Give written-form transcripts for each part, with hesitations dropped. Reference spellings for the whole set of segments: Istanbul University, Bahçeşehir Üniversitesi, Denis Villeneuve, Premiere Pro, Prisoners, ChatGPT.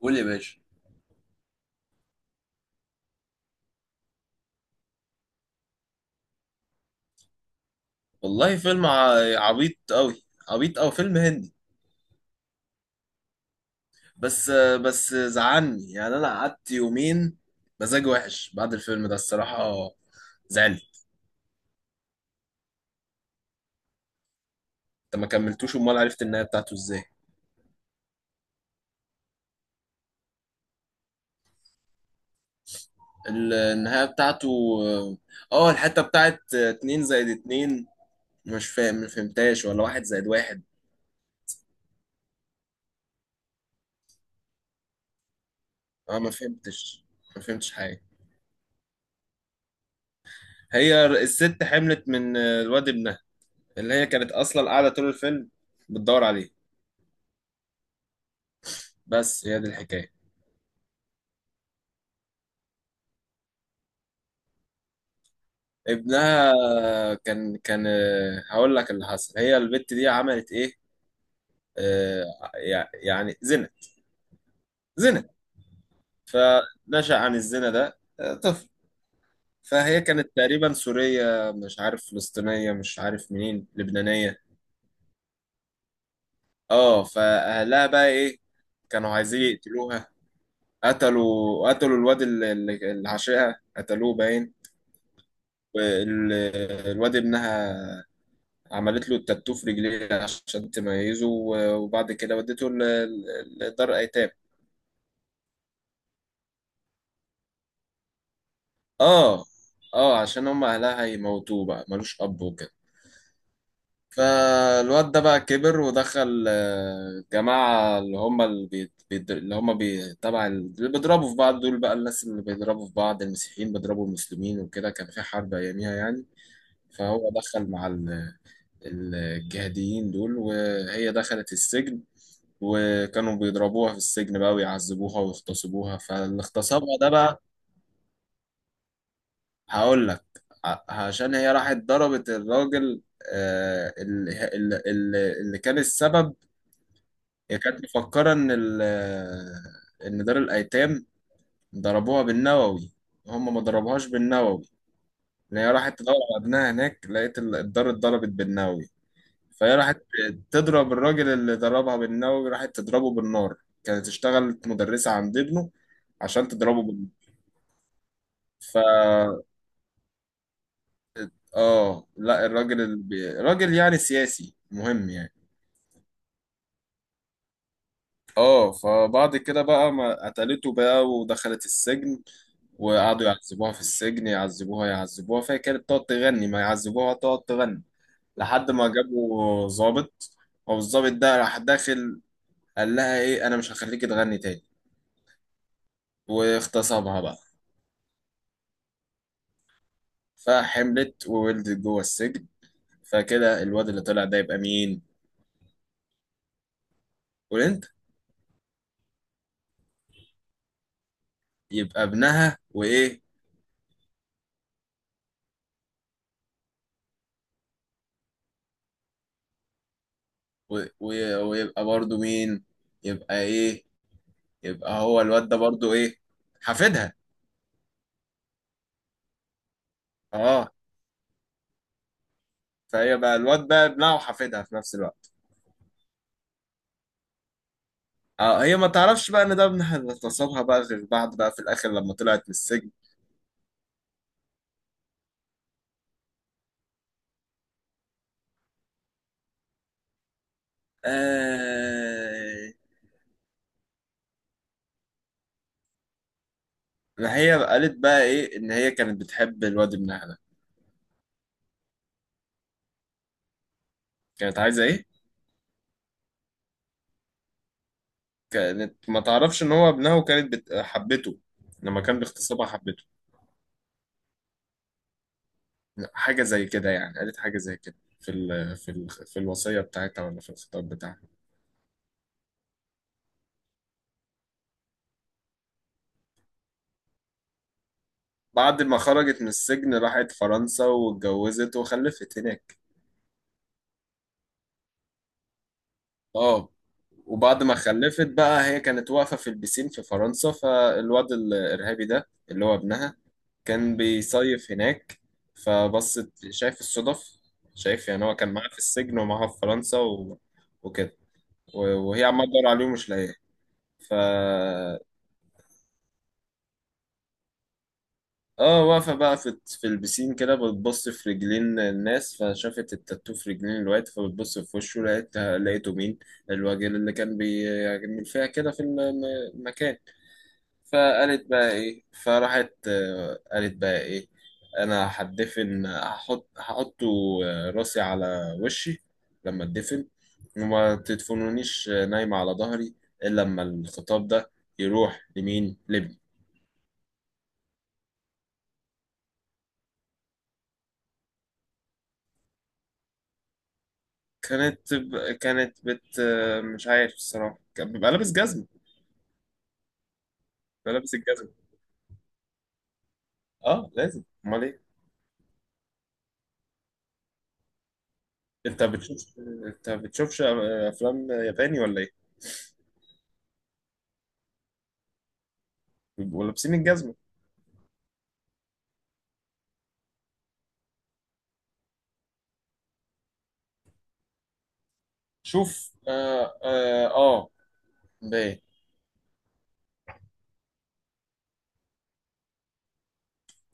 قول يا باشا. والله فيلم عبيط قوي، عبيط او فيلم هندي. بس بس زعلني يعني، انا قعدت يومين مزاج وحش بعد الفيلم ده الصراحة. زعلني. انت ما كملتوش، امال عرفت النهاية بتاعته ازاي؟ النهاية بتاعته، اه الحتة بتاعت اتنين زائد اتنين مش فاهم ما فهمتهاش، ولا واحد زائد واحد؟ اه ما فهمتش حاجة. هي الست حملت من الواد ابنها، اللي هي كانت اصلا قاعدة طول الفيلم بتدور عليه. بس هي دي الحكاية. ابنها. كان هقول لك اللي حصل، هي البت دي عملت ايه، آه، يعني زنا. زنا. فنشأ عن الزنا ده طفل. فهي كانت تقريبا سورية، مش عارف فلسطينية، مش عارف منين، لبنانية. اه، فأهلها بقى ايه؟ كانوا عايزين يقتلوها. قتلوا الواد اللي عاشقها، قتلوه باين. وال- الواد ابنها، عملت له التاتو في رجليه عشان تميزه، وبعد كده ودته لدار ايتام. اه، اه، عشان هم اهلها هيموتوه بقى، ملوش اب وكده. فالواد ده بقى كبر ودخل، جماعة اللي هم بي... تبع ال- اللي بيضربوا في بعض دول، بقى الناس اللي بيضربوا في بعض، المسيحيين بيضربوا المسلمين وكده، كان في حرب أياميها يعني. فهو دخل مع الجهاديين دول، وهي دخلت السجن، وكانوا بيضربوها في السجن بقى ويعذبوها ويغتصبوها، فالاغتصاب ده بقى. هقول لك، عشان هي راحت ضربت الراجل، آه، اللي اللي كان السبب. هي كانت مفكرة إن إن دار الأيتام ضربوها بالنووي، هم ما ضربوهاش بالنووي. إن هي راحت تدور على ابنها هناك لقيت الدار اتضربت بالنووي. فهي راحت تضرب الراجل اللي ضربها بالنووي، راحت تضربه بالنار، كانت اشتغلت مدرسة عند ابنه عشان تضربه بالنار. فا اه، لا الراجل اللي راجل يعني سياسي مهم يعني. اه، فبعد كده بقى ما قتلته بقى ودخلت السجن، وقعدوا يعذبوها في السجن، يعذبوها يعذبوها، فهي كانت تقعد تغني، ما يعذبوها تقعد تغني، لحد ما جابوا ظابط. هو الظابط ده راح داخل، قال لها ايه، انا مش هخليكي تغني تاني. واغتصبها بقى. فحملت وولدت جوه السجن. فكده الواد اللي طلع ده يبقى مين؟ وانت. يبقى ابنها وايه؟ و... و... ويبقى برضو مين؟ يبقى ايه؟ يبقى هو الواد ده برضو ايه؟ حفيدها. اه، فهي بقى الواد بقى ابنها وحفيدها في نفس الوقت. اه، هي ما تعرفش بقى ان ده ابنها اللي اغتصبها بقى، غير بعد بقى في الاخر لما طلعت من السجن. آه... ما هي قالت بقى ايه، ان هي كانت بتحب الواد ابنها ده. كانت عايزه ايه. كانت ما تعرفش ان هو ابنها، وكانت حبته، لما كان باغتصابها حبته. حاجه زي كده يعني، قالت حاجه زي كده في في الوصيه بتاعتها، ولا في الخطاب بتاعها. بعد ما خرجت من السجن راحت فرنسا واتجوزت وخلفت هناك. اه، وبعد ما خلفت بقى هي كانت واقفه في البسين في فرنسا، فالواد الارهابي ده اللي هو ابنها كان بيصيف هناك. فبصت، شايف الصدف، شايف يعني، هو كان معاها في السجن ومعاها في فرنسا وكده. وهي عمالة تدور عليه ومش لاقياه. ف اه، واقفة بقى في البسين كده، بتبص في رجلين الناس، فشافت التاتو في رجلين الواد، فبتبص في وشه، لقيته مين، الراجل اللي كان بيعمل فيها كده في المكان. فقالت بقى ايه، فراحت قالت بقى ايه، انا هتدفن، هحط راسي على وشي لما اتدفن، وما تدفنونيش نايمة على ظهري، الا لما الخطاب ده يروح لمين، لابني. كانت ب... كانت بت آه، مش عارف الصراحة، كان بيبقى لابس جزمة، بيبقى لابس الجزمة. اه لازم، امال ايه. انت بتشوفش انت بتشوفش افلام ياباني ولا ايه، بيبقوا لابسين الجزمة. شوف، اه اه، آه.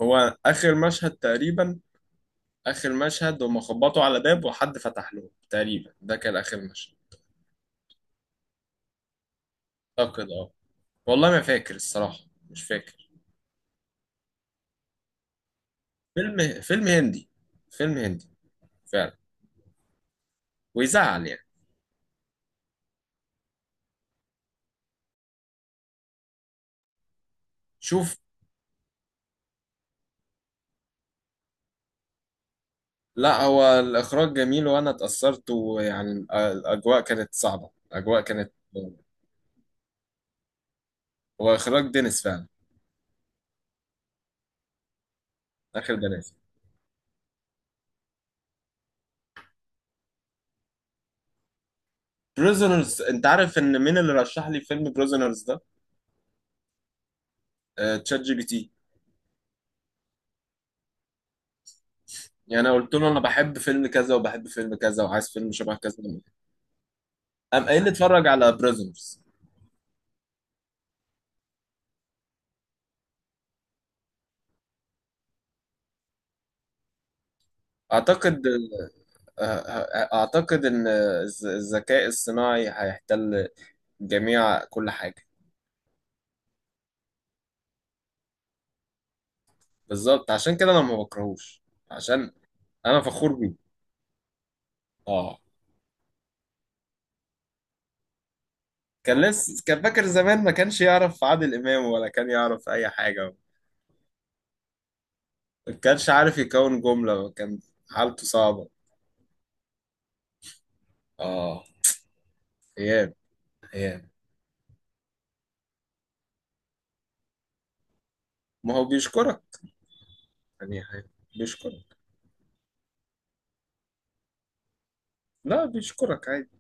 هو اخر مشهد تقريبا، اخر مشهد هم خبطوا على باب وحد فتح لهم تقريبا، ده كان اخر مشهد. اعتقد اه، والله ما فاكر الصراحه، مش فاكر. فيلم هندي، فيلم هندي فعلا، ويزعل يعني. شوف، لا هو الاخراج جميل وانا اتاثرت، ويعني الاجواء كانت صعبه، الاجواء كانت. هو اخراج دينيس فعلا، اخر دينيس بريزونرز. انت عارف ان مين اللي رشح لي فيلم بريزونرز ده؟ تشات جي بي تي. يعني انا قلت له انا بحب فيلم كذا وبحب فيلم كذا، وعايز فيلم شبه كذا، قام قايل لي اتفرج على بريزونرز. اعتقد آه، آه، اعتقد ان الذكاء الصناعي هيحتل جميع كل حاجه. بالظبط، عشان كده انا ما بكرهوش، عشان انا فخور بيه. اه، كان لسه، كان فاكر زمان ما كانش يعرف عادل امام، ولا كان يعرف اي حاجه، ما كانش عارف يكون جمله، كان حالته صعبه. اه، ايام ايام. ما هو بيشكرك، يعني هي- بيشكرك. لا بيشكرك عادي.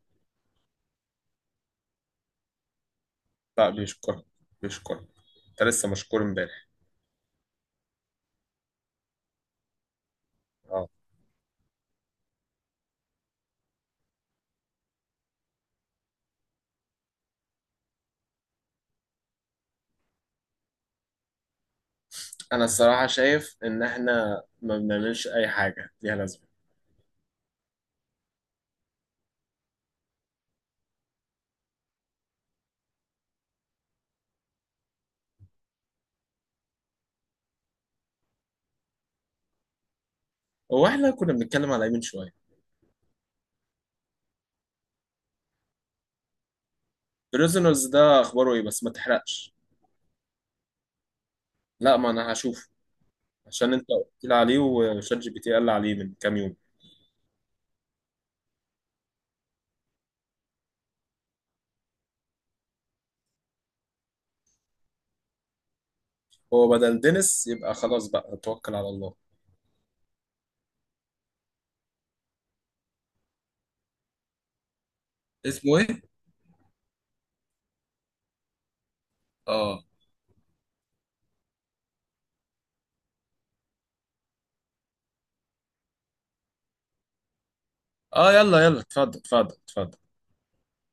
لا بيشكرك، بيشكرك، انت لسه مشكور امبارح. اه. انا الصراحه شايف ان احنا ما بنعملش اي حاجه ليها لازمه. هو احنا كنا بنتكلم على ايه من شويه؟ بريزونرز ده اخباره ايه، بس ما تحرقش. لا، ما انا هشوفه عشان انت قلت لي عليه، وشات جي بي تي قال لي عليه من كام يوم. هو بدل دينيس يبقى خلاص بقى توكل على الله. اسمه ايه؟ اه اه، يلا يلا، اتفضل اتفضل اتفضل.